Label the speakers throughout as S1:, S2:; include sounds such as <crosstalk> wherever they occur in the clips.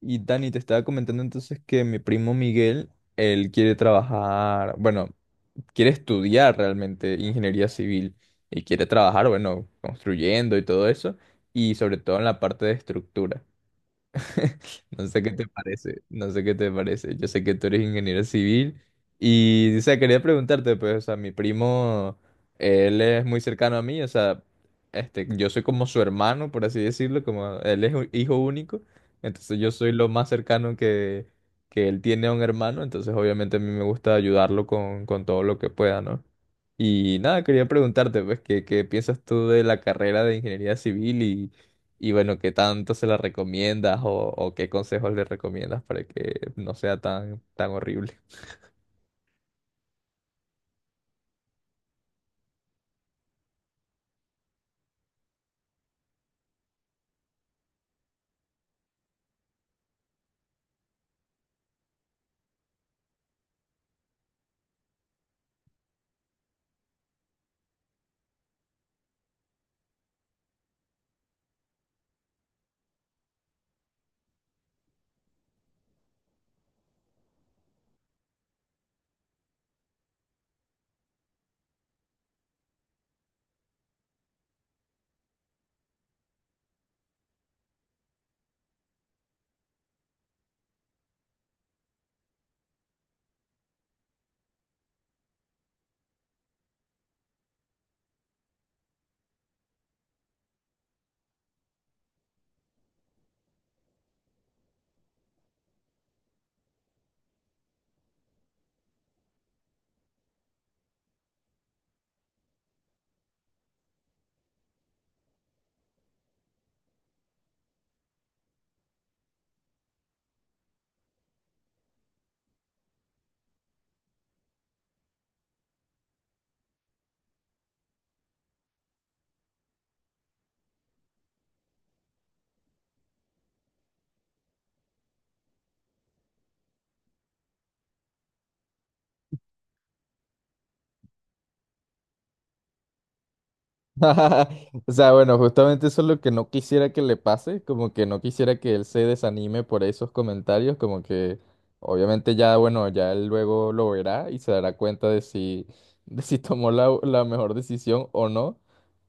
S1: Y Dani, te estaba comentando entonces que mi primo Miguel, él quiere trabajar, bueno, quiere estudiar realmente ingeniería civil y quiere trabajar, bueno, construyendo y todo eso, y sobre todo en la parte de estructura. <laughs> No sé qué te parece, no sé qué te parece. Yo sé que tú eres ingeniero civil y, o sea, quería preguntarte, pues, o sea, mi primo, él es muy cercano a mí, o sea, yo soy como su hermano, por así decirlo, como él es un hijo único, entonces yo soy lo más cercano que él tiene a un hermano, entonces obviamente a mí me gusta ayudarlo con todo lo que pueda, ¿no? Y nada, quería preguntarte, pues, ¿qué piensas tú de la carrera de ingeniería civil y bueno, qué tanto se la recomiendas o qué consejos le recomiendas para que no sea tan horrible? <laughs> O sea, bueno, justamente eso es lo que no quisiera que le pase, como que no quisiera que él se desanime por esos comentarios, como que obviamente ya, bueno, ya él luego lo verá y se dará cuenta de si, <laughs> de si tomó la mejor decisión o no,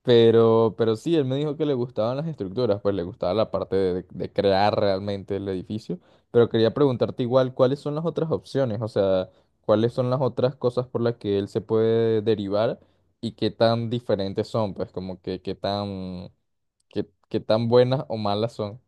S1: pero sí, él me dijo que le gustaban las estructuras, pues le gustaba la parte de crear realmente el edificio, pero quería preguntarte igual, ¿cuáles son las otras opciones? O sea, ¿cuáles son las otras cosas por las que él se puede derivar? Y qué tan diferentes son, pues como que qué tan, qué tan buenas o malas son.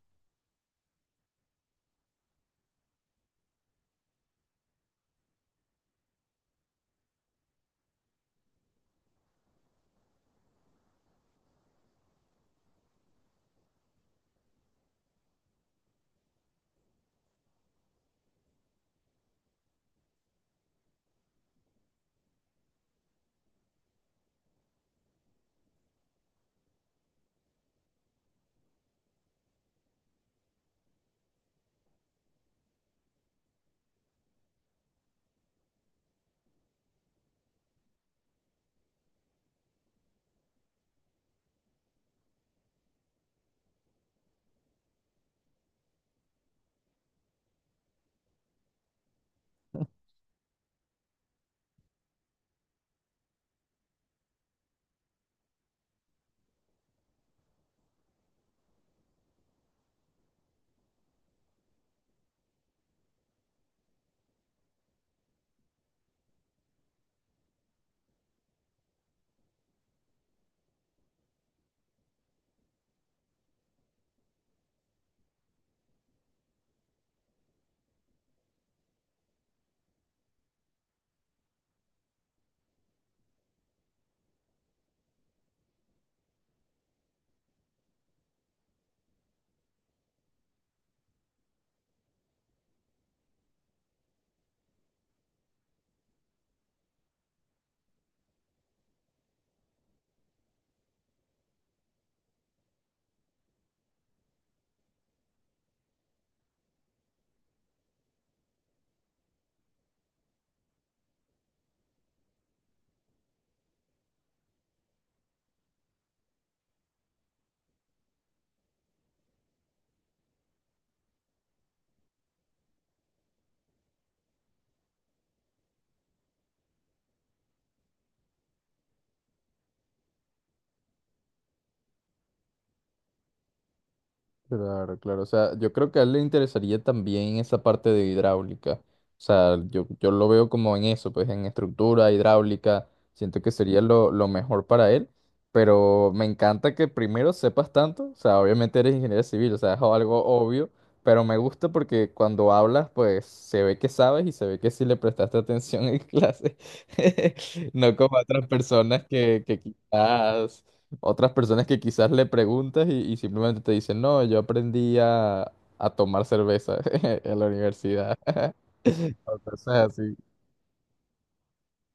S1: Claro, claro. O sea, yo creo que a él le interesaría también esa parte de hidráulica. O sea, yo lo veo como en eso, pues en estructura hidráulica. Siento que sería lo mejor para él. Pero me encanta que primero sepas tanto. O sea, obviamente eres ingeniero civil, o sea, es algo obvio. Pero me gusta porque cuando hablas, pues se ve que sabes y se ve que sí le prestaste atención en clase. <laughs> No como a otras personas que quizás. Otras personas que quizás le preguntas y simplemente te dicen, no, yo aprendí a tomar cerveza <laughs> en la universidad. <laughs> O cosas así.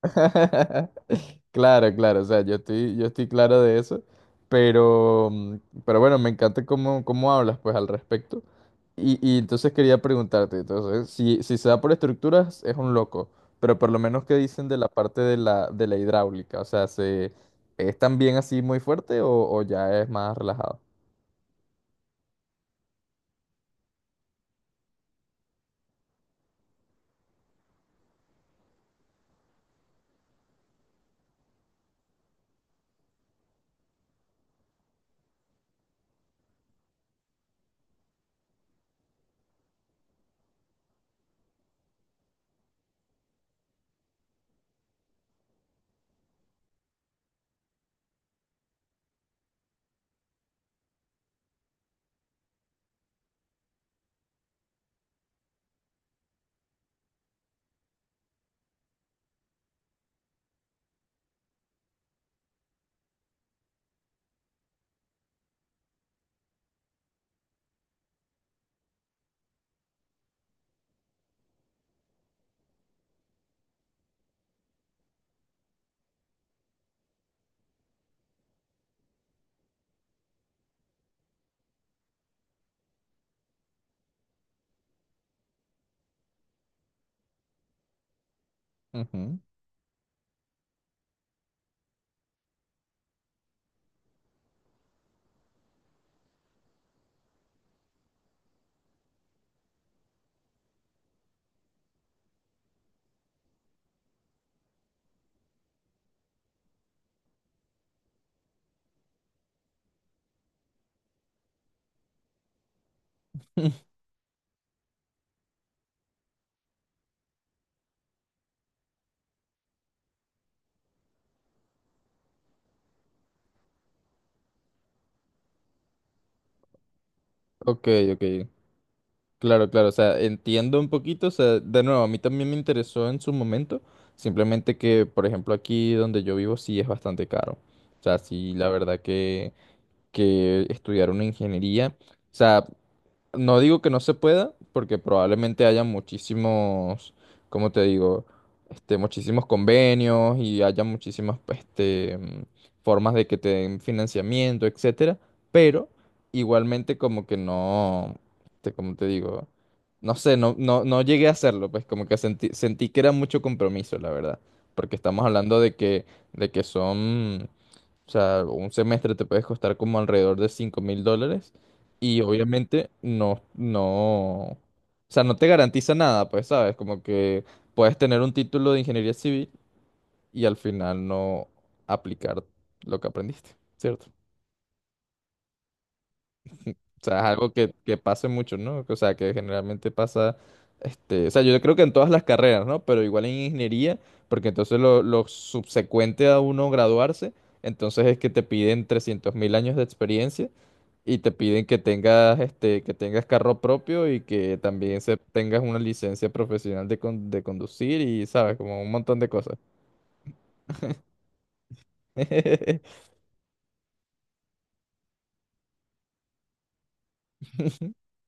S1: <laughs> Claro, claro, o sea, yo estoy claro de eso, pero, pero bueno, me encanta cómo, cómo hablas pues al respecto. Y entonces quería preguntarte, entonces, si se da por estructuras, es un loco, pero por lo menos qué dicen de la parte de la hidráulica, o sea, ¿se, es también así muy fuerte o ya es más relajado? Ujú. Ok, ok. Claro, claro. O sea, entiendo un poquito. O sea, de nuevo, a mí también me interesó en su momento. Simplemente que, por ejemplo, aquí donde yo vivo sí es bastante caro. O sea, sí, la verdad que estudiar una ingeniería. O sea, no digo que no se pueda, porque probablemente haya muchísimos, ¿cómo te digo? Muchísimos convenios y haya muchísimas, formas de que te den financiamiento, etcétera. Pero igualmente como que no, ¿cómo te digo? No sé, no, no, no llegué a hacerlo, pues como que sentí que era mucho compromiso, la verdad. Porque estamos hablando de de que son o sea, un semestre te puede costar como alrededor de $5,000 y obviamente no, o sea, no te garantiza nada, pues, ¿sabes? Como que puedes tener un título de ingeniería civil y al final no aplicar lo que aprendiste, ¿cierto? O sea, es algo que pasa mucho, ¿no? O sea, que generalmente pasa, o sea, yo creo que en todas las carreras, ¿no? Pero igual en ingeniería, porque entonces lo subsecuente a uno graduarse, entonces es que te piden 300.000 años de experiencia. Y te piden que tengas que tengas carro propio y que también se, tengas una licencia profesional de, con- de conducir y sabes, como un montón de cosas. <laughs>